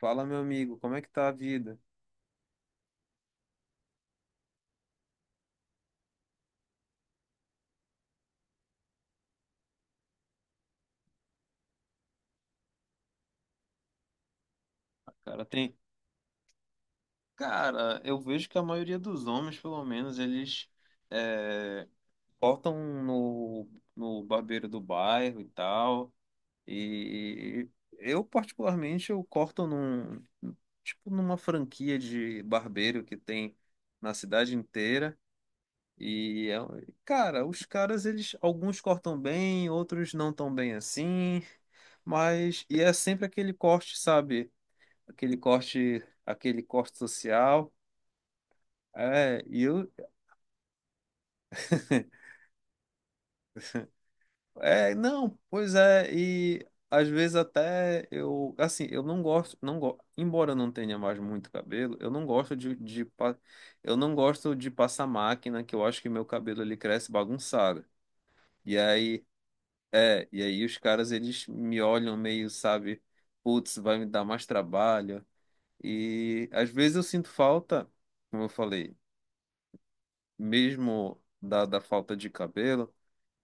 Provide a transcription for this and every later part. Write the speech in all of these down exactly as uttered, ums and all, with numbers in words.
Fala, meu amigo, como é que tá a vida? Cara, tem. Cara, eu vejo que a maioria dos homens, pelo menos, eles é, cortam no, no barbeiro do bairro e tal. E eu, particularmente, eu corto num, tipo, numa franquia de barbeiro que tem na cidade inteira. E, é- um, cara, os caras, eles, alguns cortam bem, outros não tão bem assim. Mas, e é sempre aquele corte, sabe? Aquele corte, aquele corte social. É, e eu. É, não, pois é, e às vezes até eu, assim, eu não gosto, não go... embora eu não tenha mais muito cabelo, eu não gosto de, de pa- eu não gosto de passar máquina, que eu acho que meu cabelo ele cresce bagunçado. E aí, é, e aí os caras eles me olham meio, sabe, putz, vai me dar mais trabalho. E às vezes eu sinto falta, como eu falei, mesmo da, da falta de cabelo,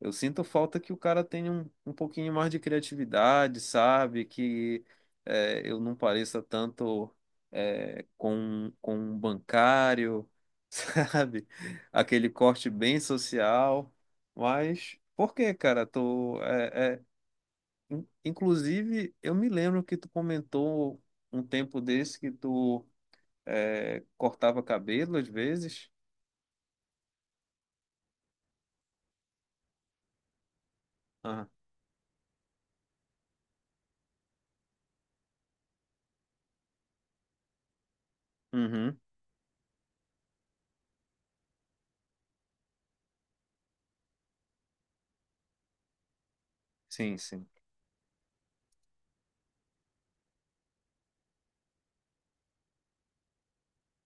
eu sinto falta que o cara tenha um, um pouquinho mais de criatividade, sabe? Que é, eu não pareça tanto é, com, com um bancário, sabe? Aquele corte bem social. Mas por que, cara? Tô, é, é, in- inclusive, eu me lembro que tu comentou um tempo desse que tu é, cortava cabelo às vezes. Ah, uhum. Sim, sim.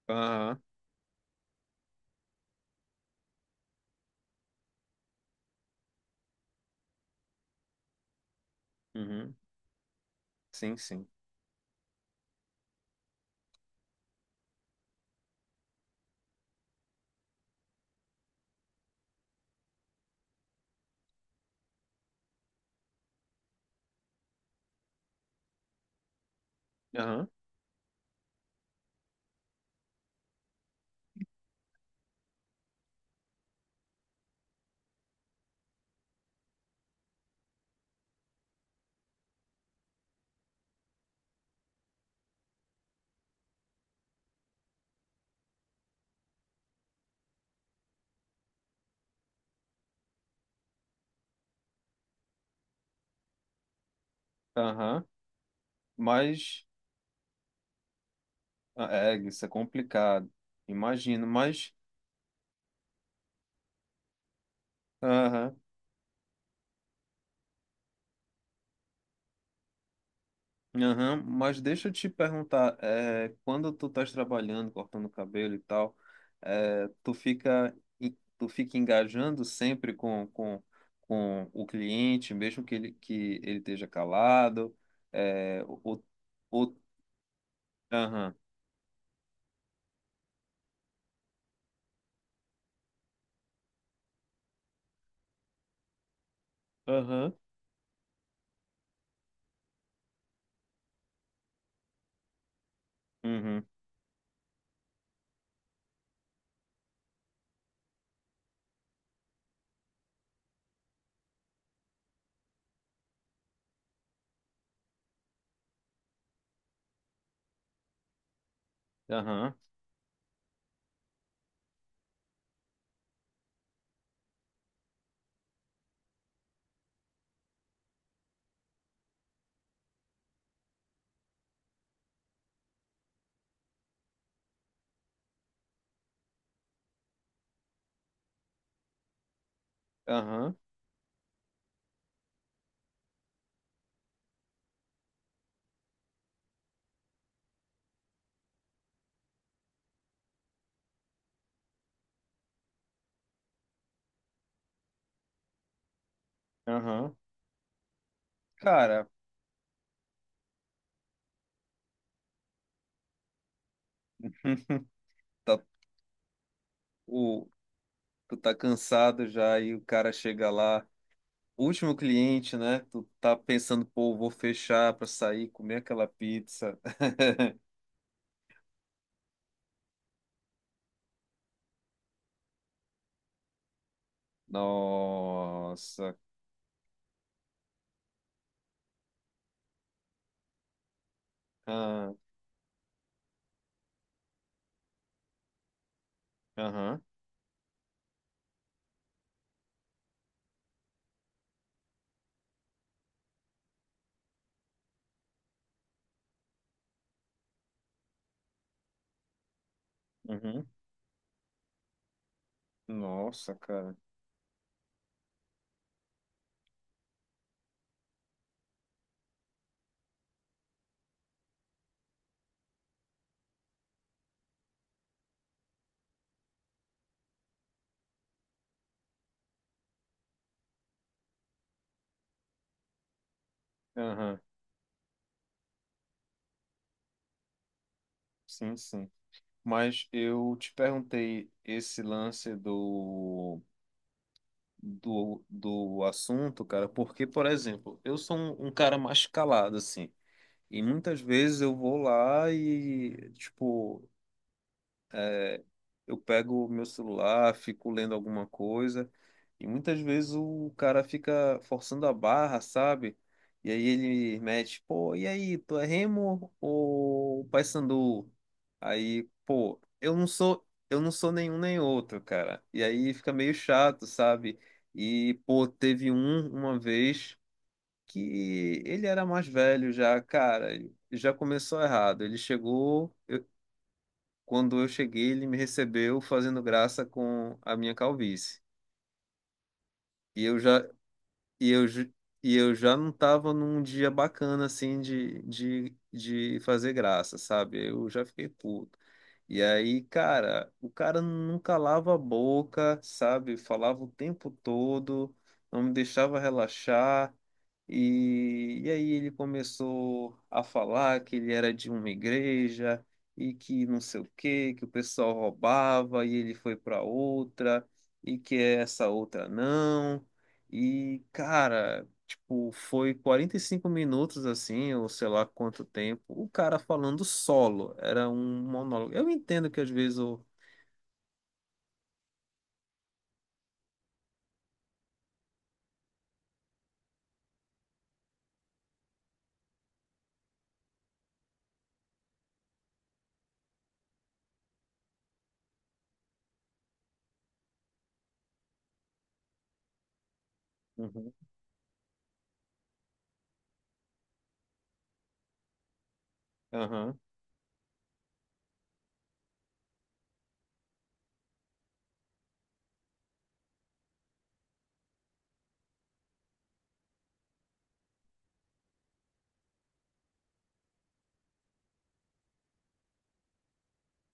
Aham. Uhum. Sim, sim. Aham. Aham. Mas ah, é, isso é complicado. Imagino, mas. Aham. Aham. Mas deixa eu te perguntar, é, quando tu estás trabalhando, cortando cabelo e tal, é, tu fica e- tu fica engajando sempre com, com, com o cliente, mesmo que ele que ele esteja calado, é, o, o, o- aham. Aham. Uhum. Aham. Aham. Aham. Cara, tá, o, tu tá cansado já e o cara chega lá, último cliente, né? Tu tá pensando, pô, vou fechar pra sair, comer aquela pizza. Nossa. Ah, Aham. Uhum. Nossa, cara. Aham. Sim, sim. Mas eu te perguntei esse lance do, do, do assunto, cara, porque, por exemplo, eu sou um, um cara mais calado, assim. E muitas vezes eu vou lá e, tipo, é, eu pego o meu celular, fico lendo alguma coisa, e muitas vezes o cara fica forçando a barra, sabe? E aí ele mete, pô, e aí, tu é Remo ou Paysandu? Aí, pô, eu não sou, eu não sou nenhum nem outro, cara. E aí fica meio chato, sabe? E, pô, teve um uma vez que ele era mais velho já, cara, já começou errado. Ele chegou, eu- quando eu cheguei, ele me recebeu fazendo graça com a minha calvície. E eu já, e eu, ju- e eu já não tava num dia bacana assim de, de, de fazer graça, sabe? Eu já fiquei puto. E aí, cara, o cara não calava a boca, sabe? Falava o tempo todo, não me deixava relaxar. E, e aí ele começou a falar que ele era de uma igreja e que não sei o quê, que o pessoal roubava e ele foi para outra e que essa outra não. E, cara, tipo, foi quarenta e cinco minutos assim, ou sei lá quanto tempo, o cara falando solo. Era um monólogo. Eu entendo que às vezes o. Uhum. Aham,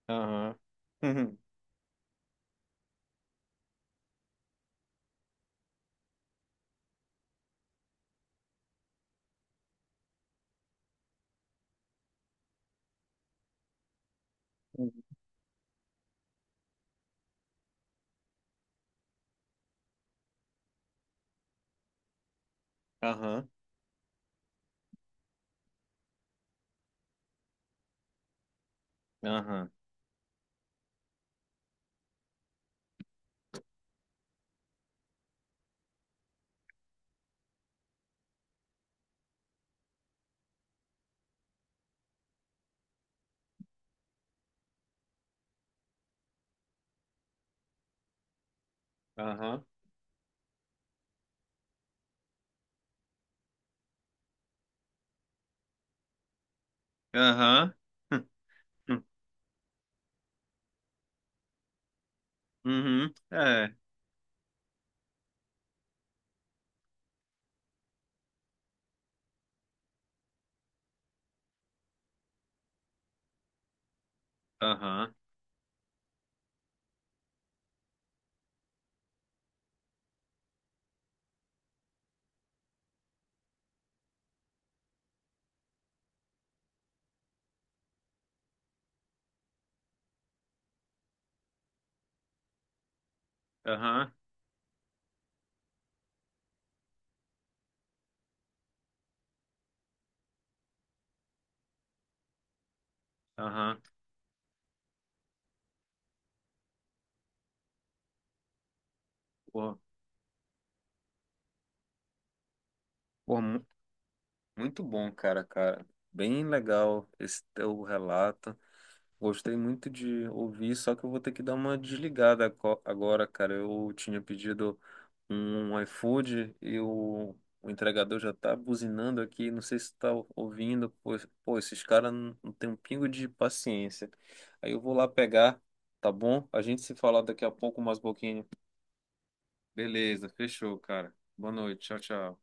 aham. Uhum. Aham, aham, aham. Aham. Hum, hum, uhum. É. Aham. Aham. Aham. Pô, pô, mu- muito bom, cara, cara. Bem legal esse teu relato. Gostei muito de ouvir, só que eu vou ter que dar uma desligada aco- agora, cara. Eu tinha pedido um iFood e o, o entregador já tá buzinando aqui. Não sei se tá ouvindo. Pô, pô, esses caras não, não tem um pingo de paciência. Aí eu vou lá pegar, tá bom? A gente se fala daqui a pouco, mais um pouquinho. Beleza, fechou, cara. Boa noite. Tchau, tchau.